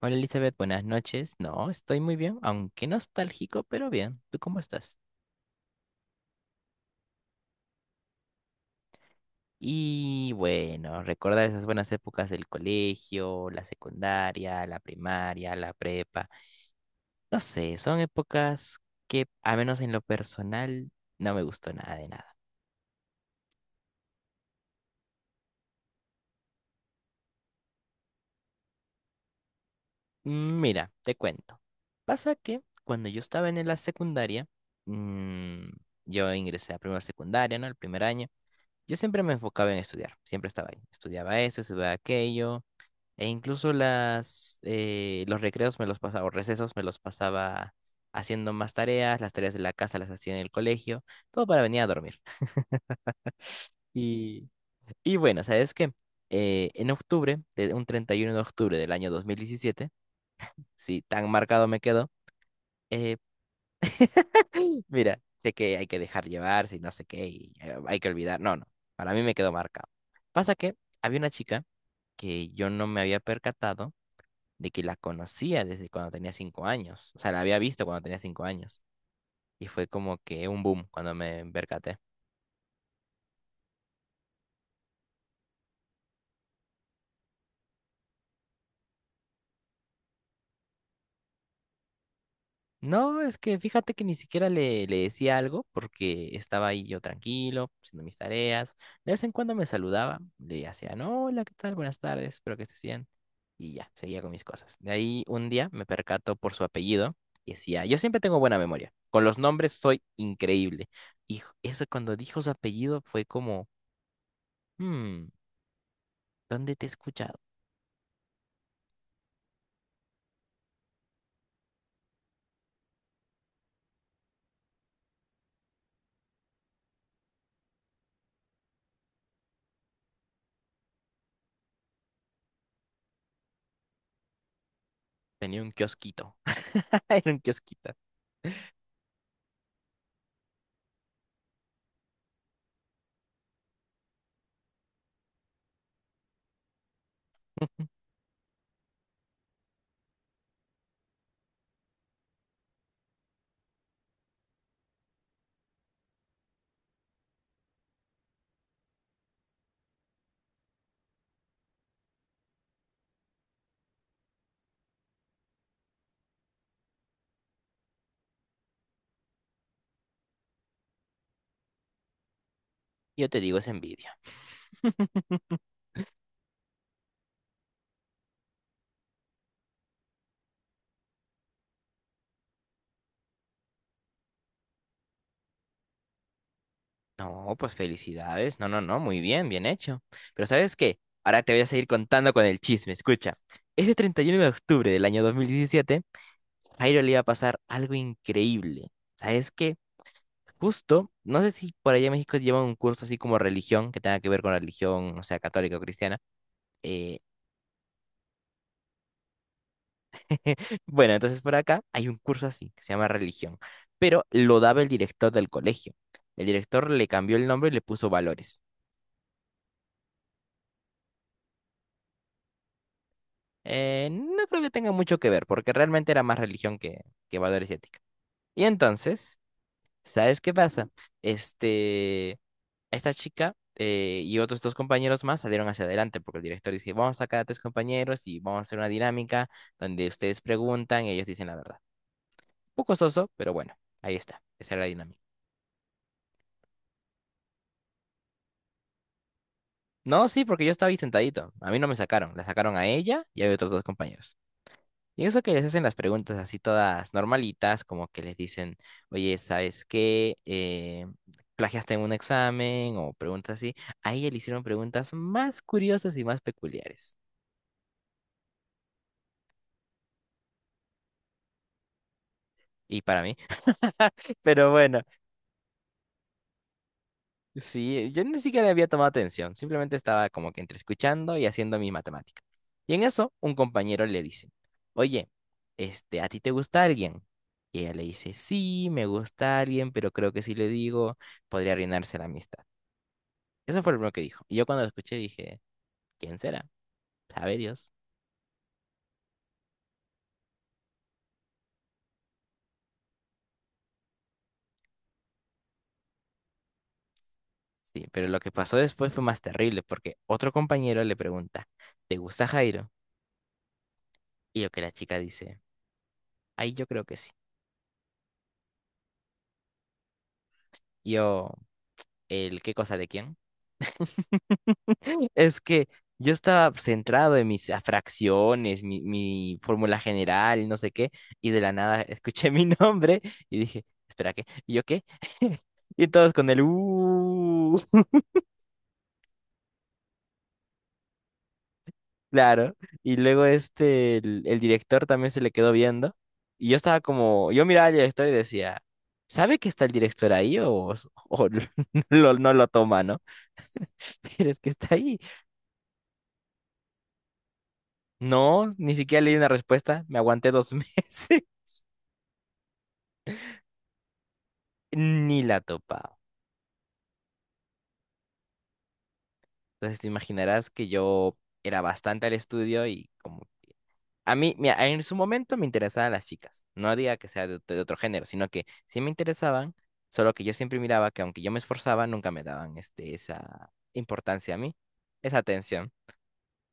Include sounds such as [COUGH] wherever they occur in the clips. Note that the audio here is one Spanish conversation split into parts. Hola Elizabeth, buenas noches. No, estoy muy bien, aunque nostálgico, pero bien. ¿Tú cómo estás? Y bueno, recordar esas buenas épocas del colegio, la secundaria, la primaria, la prepa. No sé, son épocas que, a menos en lo personal, no me gustó nada de nada. Mira, te cuento. Pasa que cuando yo estaba en la secundaria, mm, yo ingresé a primera secundaria, ¿no? El primer año. Yo siempre me enfocaba en estudiar, siempre estaba ahí. Estudiaba eso, estudiaba aquello, e incluso los recreos me los pasaba, o recesos me los pasaba haciendo más tareas, las tareas de la casa las hacía en el colegio, todo para venir a dormir. [LAUGHS] Y, y bueno, ¿sabes qué? En octubre, de un 31 de octubre del año 2017 si tan marcado me quedó, eh, [GASPS] [LAUGHS] mira, sé que hay que dejar llevar, si no sé qué, y, hay que olvidar. No, no, para mí me quedó marcado. Pasa que había una chica que yo no me había percatado de que la conocía desde cuando tenía 5 años. O sea, la había visto cuando tenía 5 años. Y fue como que un boom cuando me percaté. No, es que fíjate que ni siquiera le decía algo porque estaba ahí yo tranquilo, haciendo mis tareas. De vez en cuando me saludaba, le hacía, no, hola, ¿qué tal? Buenas tardes, espero que estés bien. Y ya, seguía con mis cosas. De ahí un día me percato por su apellido y decía, yo siempre tengo buena memoria. Con los nombres soy increíble. Y eso cuando dijo su apellido fue como, hmm, ¿dónde te he escuchado? Tenía un kiosquito. [LAUGHS] Era un kiosquito. Yo te digo, es envidia. [LAUGHS] No, pues felicidades. No, no, no, muy bien, bien hecho. Pero ¿sabes qué? Ahora te voy a seguir contando con el chisme. Escucha, ese 31 de octubre del año 2017, Jairo le iba a pasar algo increíble. ¿Sabes qué? Justo, no sé si por allá en México llevan un curso así como religión, que tenga que ver con la religión, o sea, católica o cristiana. Eh, [LAUGHS] Bueno, entonces por acá hay un curso así, que se llama religión, pero lo daba el director del colegio. El director le cambió el nombre y le puso valores. No creo que tenga mucho que ver, porque realmente era más religión que valores y ética. Y entonces, ¿sabes qué pasa? Este, Esta chica y otros 2 compañeros más salieron hacia adelante, porque el director dice, vamos a sacar a 3 compañeros y vamos a hacer una dinámica donde ustedes preguntan y ellos dicen la verdad. Un poco soso, pero bueno, ahí está, esa era la dinámica. No, sí, porque yo estaba ahí sentadito. A mí no me sacaron. La sacaron a ella y a otros 2 compañeros. Y eso que les hacen las preguntas así todas normalitas, como que les dicen, oye, ¿sabes qué? ¿Plagiaste en un examen? O preguntas así. A ella le hicieron preguntas más curiosas y más peculiares. Y para mí. [LAUGHS] Pero bueno, sí, yo ni siquiera había tomado atención, simplemente estaba como que entre escuchando y haciendo mi matemática. Y en eso, un compañero le dice, oye, ¿a ti te gusta alguien? Y ella le dice, sí, me gusta alguien, pero creo que si le digo, podría arruinarse la amistad. Eso fue lo primero que dijo. Y yo cuando lo escuché dije, ¿quién será? Sabe Dios. Sí, pero lo que pasó después fue más terrible, porque otro compañero le pregunta, ¿te gusta Jairo? Y lo que la chica dice, ay, yo creo que sí. Y yo, ¿el qué cosa de quién? Es que yo estaba pues, centrado en mis fracciones, mi fórmula general, no sé qué, y de la nada [LAUGHS] escuché mi nombre y dije, espera, ¿qué? ¿Y yo qué? Y todos con el [LAUGHS] claro. Y luego el director también se le quedó viendo. Y yo estaba como, yo miraba al director y decía, ¿sabe que está el director ahí o [LAUGHS] no lo toma, ¿no? [LAUGHS] Pero es que está ahí. No, ni siquiera leí una respuesta, me aguanté 2 meses, [LAUGHS] ni la topaba. Entonces te imaginarás que yo era bastante al estudio y como... A mí, mira, en su momento me interesaban las chicas. No diga que sea de otro género, sino que sí me interesaban, solo que yo siempre miraba que aunque yo me esforzaba, nunca me daban esa importancia a mí, esa atención.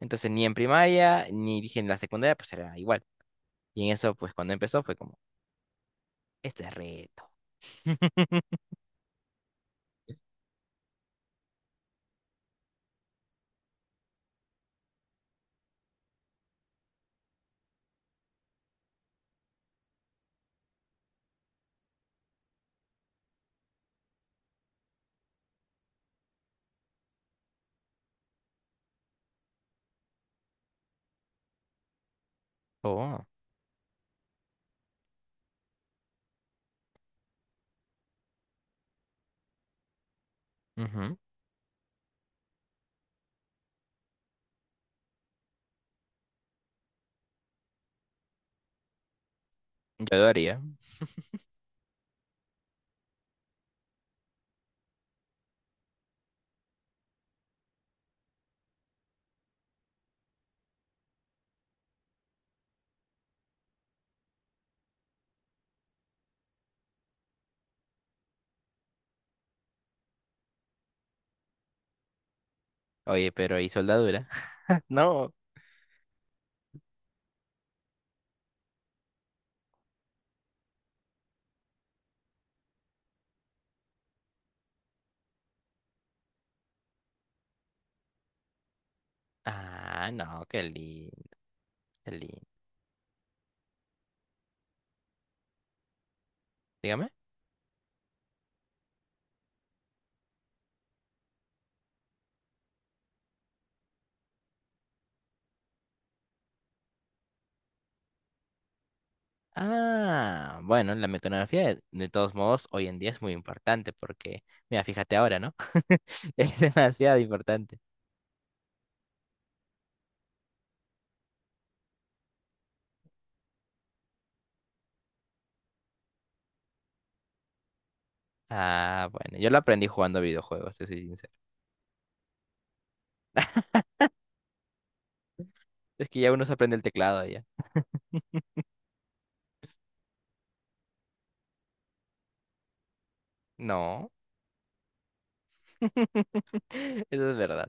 Entonces ni en primaria, ni dije en la secundaria, pues era igual. Y en eso, pues cuando empezó fue como, este es reto. [LAUGHS] Oh, ujú, yo lo haría. Oye, pero ¿y soldadura? [LAUGHS] No. Ah, no, qué lindo, qué lindo. Dígame. Ah, bueno, la mecanografía de todos modos hoy en día es muy importante porque, mira, fíjate ahora, ¿no? [LAUGHS] Es demasiado importante. Ah, bueno, yo lo aprendí jugando videojuegos, te soy sincero. Es que ya uno se aprende el teclado ya. No, [LAUGHS] eso es verdad.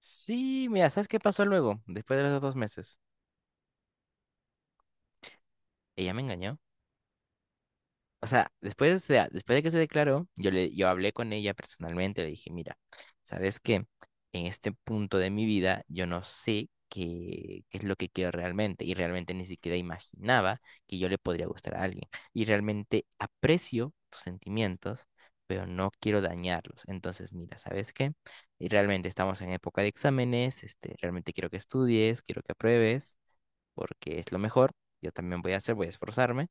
Sí, mira, ¿sabes qué pasó luego, después de los 2 meses? Ella me engañó. O sea, después de que se declaró, yo hablé con ella personalmente, le dije, mira, ¿sabes qué? En este punto de mi vida, yo no sé qué, qué es lo que quiero realmente, y realmente ni siquiera imaginaba que yo le podría gustar a alguien. Y realmente aprecio tus sentimientos, pero no quiero dañarlos. Entonces, mira, ¿sabes qué? Y realmente estamos en época de exámenes, realmente quiero que estudies, quiero que apruebes, porque es lo mejor. Yo también voy a hacer, voy a esforzarme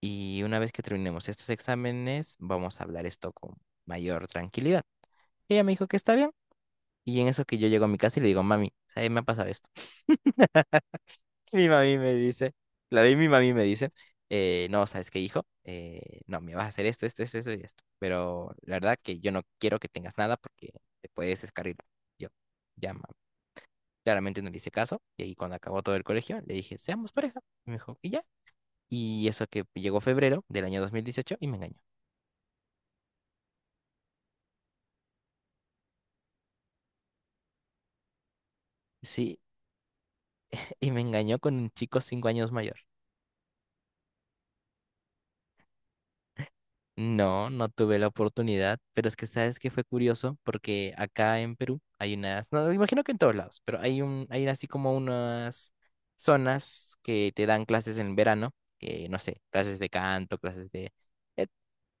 y una vez que terminemos estos exámenes, vamos a hablar esto con mayor tranquilidad. Y ella me dijo que está bien. Y en eso que yo llego a mi casa y le digo, mami, ¿sabes? Me ha pasado esto. [LAUGHS] Y mi mami me dice, claro, y mi mami me dice, no, ¿sabes qué, hijo? No, me vas a hacer esto, esto, esto, esto y esto. Pero la verdad que yo no quiero que tengas nada porque te puedes descarrilar. Yo, ya, mami. Claramente no le hice caso. Y ahí cuando acabó todo el colegio, le dije, seamos pareja. Y me dijo, y ya. Y eso que llegó febrero del año 2018 y me engañó. Sí, y me engañó con un chico 5 años mayor. No, no tuve la oportunidad, pero es que sabes que fue curioso porque acá en Perú hay unas, no, me imagino que en todos lados, pero hay así como unas zonas que te dan clases en verano, que no sé, clases de canto, clases de, eh,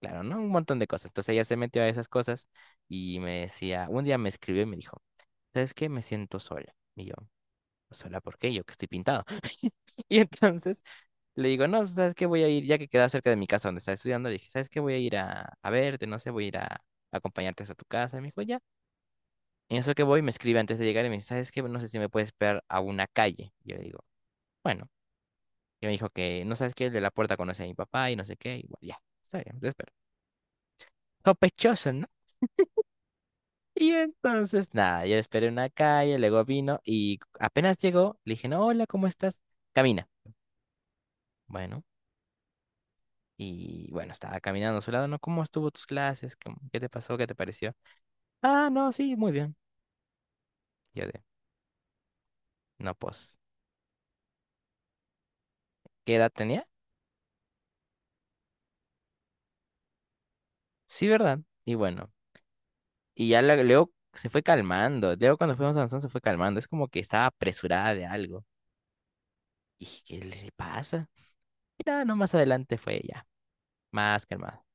claro, ¿no? Un montón de cosas. Entonces ella se metió a esas cosas y me decía, un día me escribió y me dijo, ¿sabes qué? Me siento sola. Y yo sola, ¿por qué? Yo que estoy pintado. [LAUGHS] Y entonces le digo, no, ¿sabes qué? Voy a ir, ya que queda cerca de mi casa donde estaba estudiando, le dije, ¿sabes qué? Voy a ir a verte, no sé, voy a ir a, acompañarte hasta tu casa. Y me dijo, ya. En eso que voy, me escribe antes de llegar y me dice, ¿sabes qué? No sé si me puedes esperar a una calle. Y yo le digo, bueno. Y me dijo que, no sabes qué, el de la puerta conoce a mi papá y no sé qué. Y bueno, ya, está bien, te espero. Sospechoso, ¿no? Y entonces, nada, yo esperé en una calle, luego vino y apenas llegó, le dije, no, hola, ¿cómo estás? Camina. Bueno, y bueno, estaba caminando a su lado, ¿no? ¿Cómo estuvo tus clases? ¿Qué te pasó? ¿Qué te pareció? Ah, no, sí, muy bien. Yo de, no, pues, ¿qué edad tenía? Sí, ¿verdad? Y bueno, y ya luego se fue calmando. Luego cuando fuimos avanzando se fue calmando. Es como que estaba apresurada de algo. Y dije, ¿qué le pasa? Y nada, no, más adelante fue ya, más calmada.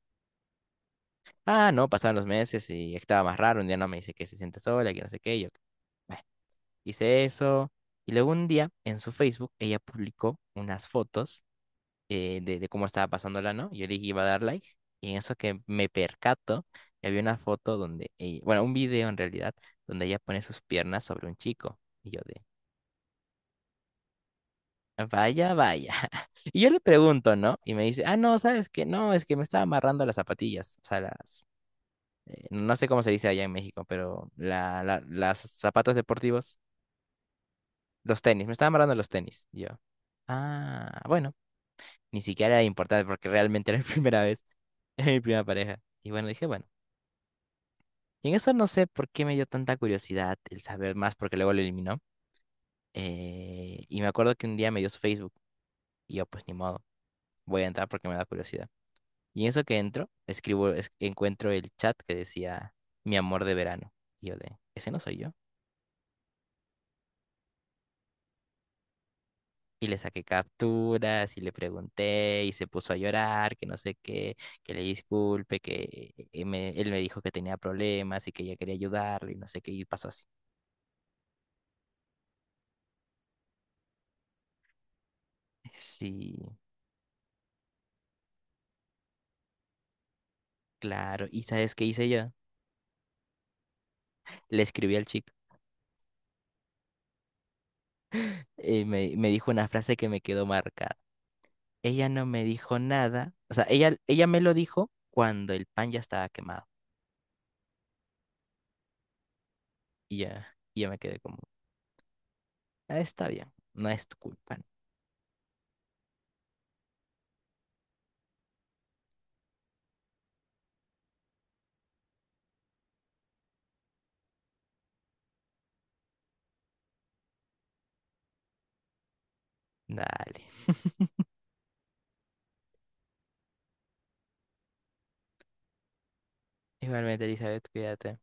Ah, no, pasaron los meses y estaba más raro. Un día no me dice que se siente sola, que no sé qué. Y yo, bueno, hice eso. Y luego un día en su Facebook ella publicó unas fotos de cómo estaba pasándola, ¿no? Yo le dije iba a dar like y en eso que me percato, que había una foto donde, bueno, un video en realidad, donde ella pone sus piernas sobre un chico. Y yo de, vaya, vaya. [LAUGHS] Y yo le pregunto, ¿no? Y me dice, ah, no, ¿sabes qué? No, es que me estaba amarrando las zapatillas, o sea, no sé cómo se dice allá en México, pero las zapatos deportivos, los tenis, me estaba amarrando los tenis. Y yo, ah, bueno. Ni siquiera era importante porque realmente era mi [LAUGHS] primera vez. Era mi primera pareja. Y bueno, dije, bueno. Y en eso no sé por qué me dio tanta curiosidad el saber más porque luego lo eliminó. Y me acuerdo que un día me dio su Facebook. Y yo, pues ni modo, voy a entrar porque me da curiosidad. Y en eso que entro, escribo, encuentro el chat que decía mi amor de verano. Y yo de, ese no soy yo. Y le saqué capturas y le pregunté y se puso a llorar, que no sé qué, que le disculpe, que él me dijo que tenía problemas y que ella quería ayudarlo y no sé qué, y pasó así. Sí, claro. ¿Y sabes qué hice yo? Le escribí al chico. Me dijo una frase que me quedó marcada. Ella no me dijo nada. O sea, ella me lo dijo cuando el pan ya estaba quemado. Y ya me quedé como, "Ah, está bien, no es tu culpa, ¿no?" Dale. Igualmente, Elizabeth, cuídate.